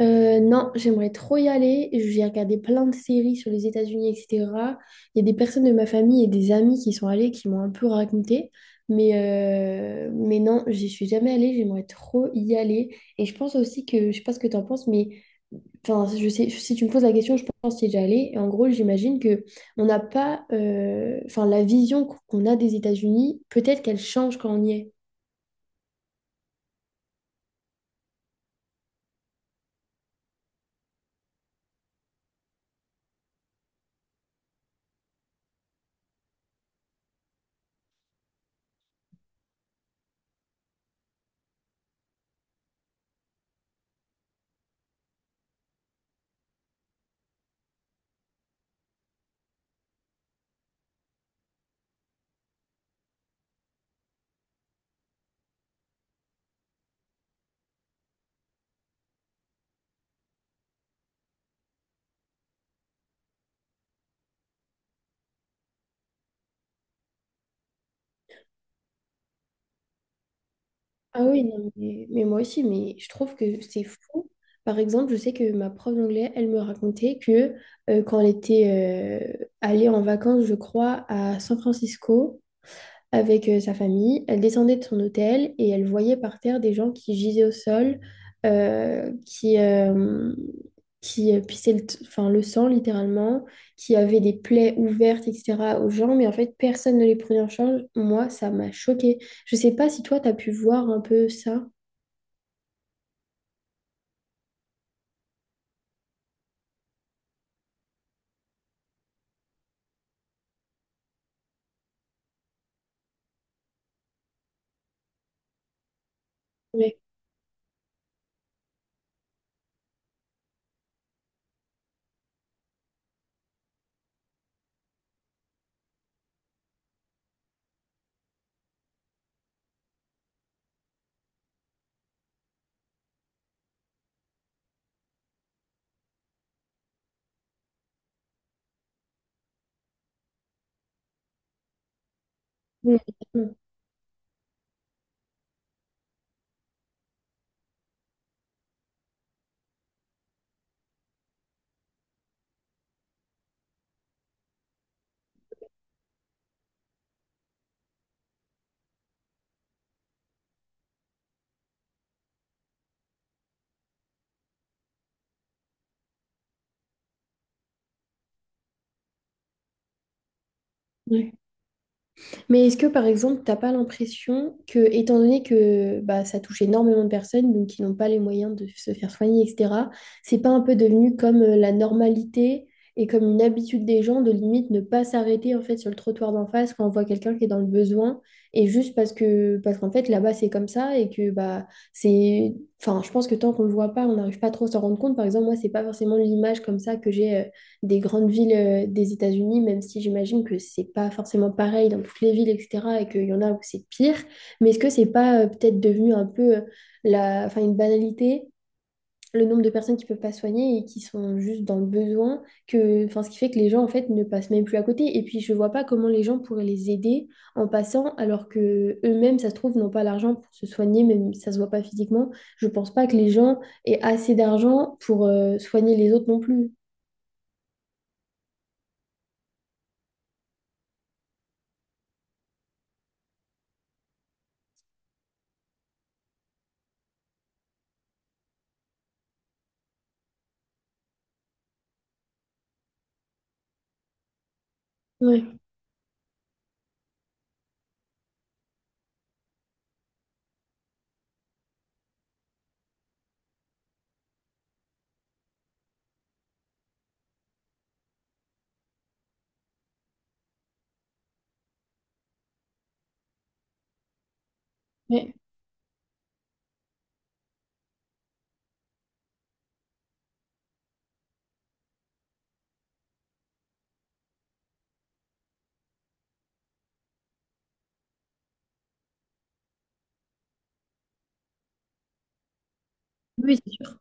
Non, j'aimerais trop y aller. J'ai regardé plein de séries sur les États-Unis, etc. Il y a des personnes de ma famille et des amis qui sont allés, qui m'ont un peu raconté. Mais, mais non, j'y suis jamais allée. J'aimerais trop y aller. Et je pense aussi que, je sais pas ce que tu en penses, mais enfin, je sais, si tu me poses la question, je pense y déjà allée. Et en gros, j'imagine que on n'a pas, enfin, la vision qu'on a des États-Unis, peut-être qu'elle change quand on y est. Ah oui, non, mais moi aussi, mais je trouve que c'est fou. Par exemple, je sais que ma prof d'anglais, elle me racontait que quand elle était allée en vacances, je crois, à San Francisco, avec sa famille. Elle descendait de son hôtel et elle voyait par terre des gens qui gisaient au sol, euh, qui, euh, qui pissaient enfin, le sang littéralement, qui avaient des plaies ouvertes, etc. aux gens, mais en fait, personne ne les prenait en charge. Moi, ça m'a choquée. Je sais pas si toi, tu as pu voir un peu ça. Ouais. Ouais. Ouais. Mais est-ce que, par exemple, t'as pas l'impression que, étant donné que bah, ça touche énormément de personnes, donc qui n'ont pas les moyens de se faire soigner, etc., c'est pas un peu devenu comme la normalité et comme une habitude des gens de limite ne pas s'arrêter en fait sur le trottoir d'en face quand on voit quelqu'un qui est dans le besoin et juste parce que parce qu'en fait là-bas c'est comme ça et que bah c'est enfin je pense que tant qu'on le voit pas on n'arrive pas trop à s'en rendre compte. Par exemple moi c'est pas forcément l'image comme ça que j'ai des grandes villes des États-Unis, même si j'imagine que c'est pas forcément pareil dans toutes les villes, etc., et qu'il y en a où c'est pire. Mais est-ce que c'est pas peut-être devenu un peu enfin, une banalité, le nombre de personnes qui peuvent pas soigner et qui sont juste dans le besoin, que, enfin, ce qui fait que les gens, en fait, ne passent même plus à côté. Et puis, je vois pas comment les gens pourraient les aider en passant, alors que eux-mêmes, ça se trouve, n'ont pas l'argent pour se soigner, même si ça se voit pas physiquement. Je pense pas que les gens aient assez d'argent pour soigner les autres non plus. Ouais, ouais. Oui, c'est sûr.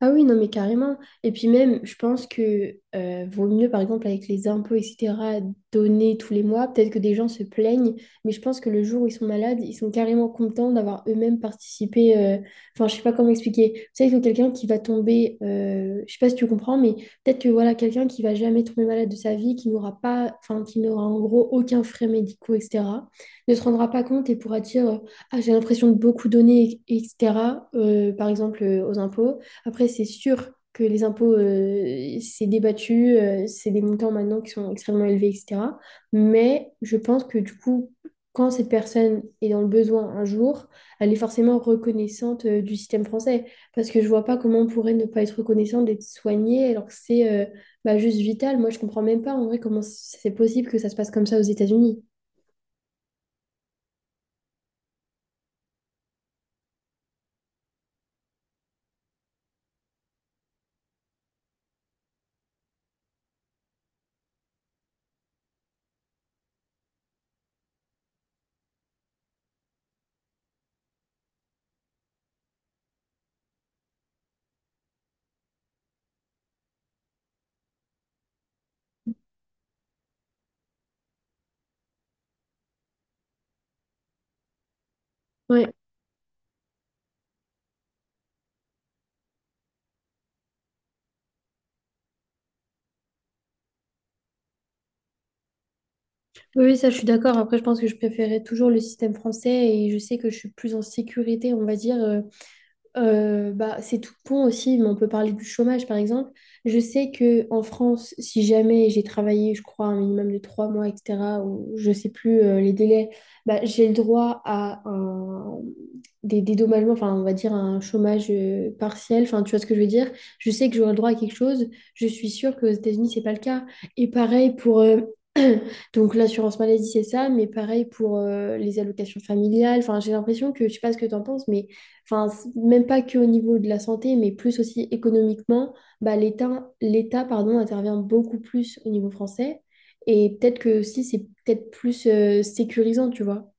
Ah oui, non, mais carrément. Et puis même, je pense que vaut mieux, par exemple, avec les impôts, etc., donner tous les mois. Peut-être que des gens se plaignent, mais je pense que le jour où ils sont malades, ils sont carrément contents d'avoir eux-mêmes participé. Enfin, je sais pas comment expliquer. Tu sais que quelqu'un qui va tomber, je sais pas si tu comprends, mais peut-être que voilà, quelqu'un qui va jamais tomber malade de sa vie, qui n'aura pas, enfin, qui n'aura en gros aucun frais médicaux, etc., ne se rendra pas compte et pourra dire, ah, j'ai l'impression de beaucoup donner, etc., par exemple, aux impôts. Après, c'est sûr que les impôts, c'est débattu, c'est des montants maintenant qui sont extrêmement élevés, etc. Mais je pense que du coup, quand cette personne est dans le besoin un jour, elle est forcément reconnaissante du système français. Parce que je vois pas comment on pourrait ne pas être reconnaissante d'être soignée alors que c'est bah, juste vital. Moi, je comprends même pas en vrai comment c'est possible que ça se passe comme ça aux États-Unis. Ouais. Oui, oui, ça, je suis d'accord. Après, je pense que je préférais toujours le système français et je sais que je suis plus en sécurité, on va dire. Bah, c'est tout bon aussi, mais on peut parler du chômage par exemple. Je sais que en France, si jamais j'ai travaillé, je crois, un minimum de 3 mois, etc., ou je sais plus les délais, bah, j'ai le droit à un... des dédommagements, enfin, on va dire un chômage partiel, enfin, tu vois ce que je veux dire. Je sais que j'aurai le droit à quelque chose, je suis sûre qu'aux États-Unis, c'est pas le cas. Et pareil pour. Donc l'assurance maladie, c'est ça, mais pareil pour les allocations familiales. Enfin, j'ai l'impression que, je sais pas ce que tu en penses, mais enfin, même pas que au niveau de la santé, mais plus aussi économiquement, bah, l'État, pardon, intervient beaucoup plus au niveau français. Et peut-être que aussi, c'est peut-être plus sécurisant, tu vois.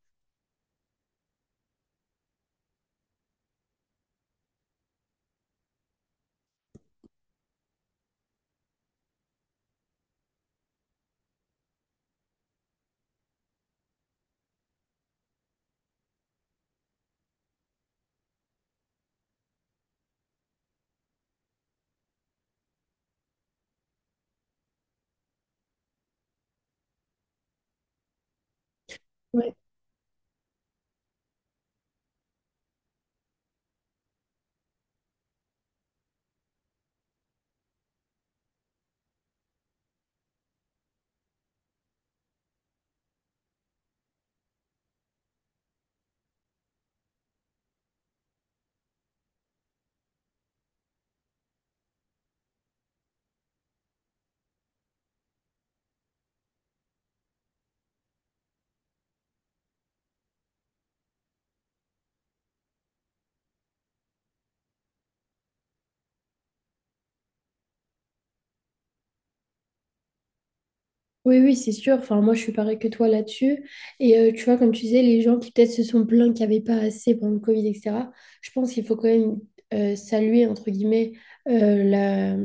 Oui, oui, c'est sûr. Enfin, moi, je suis pareil que toi là-dessus. Et tu vois, comme tu disais, les gens qui peut-être se sont plaints qu'il n'y avait pas assez pendant le Covid, etc., je pense qu'il faut quand même saluer, entre guillemets, euh, la,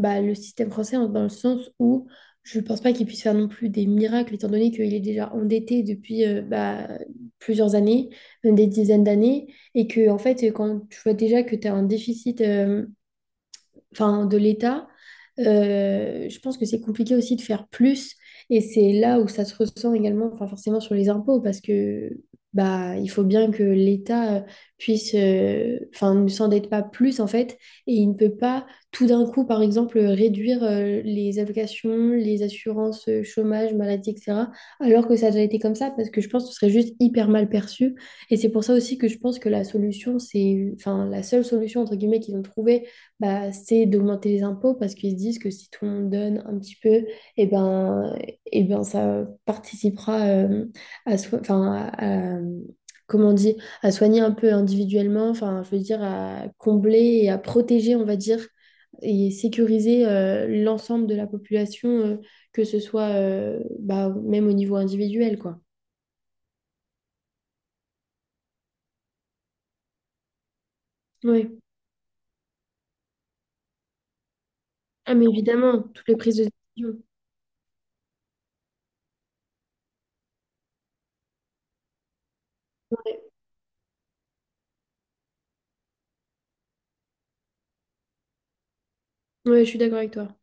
bah, le système français hein, dans le sens où je ne pense pas qu'il puisse faire non plus des miracles, étant donné qu'il est déjà endetté depuis bah, plusieurs années, même des dizaines d'années, et que, en fait, quand tu vois déjà que tu as un déficit, enfin, de l'État, je pense que c'est compliqué aussi de faire plus. Et c'est là où ça se ressent également, enfin, forcément sur les impôts, parce que bah, il faut bien que l'État puisse, enfin, ne s'endette pas plus en fait, et il ne peut pas tout d'un coup, par exemple, réduire les allocations, les assurances chômage, maladie, etc., alors que ça a déjà été comme ça, parce que je pense que ce serait juste hyper mal perçu. Et c'est pour ça aussi que je pense que la solution, c'est, enfin, la seule solution entre guillemets qu'ils ont trouvée bah, c'est d'augmenter les impôts parce qu'ils se disent que si tout le monde donne un petit peu, et ben, et ben ça participera enfin, comment on dit, à soigner un peu individuellement, enfin, je veux dire, à combler et à protéger, on va dire, et sécuriser l'ensemble de la population, que ce soit bah, même au niveau individuel, quoi. Ouais. Ah, mais évidemment, toutes les prises de décision. Ouais, je suis d'accord avec toi.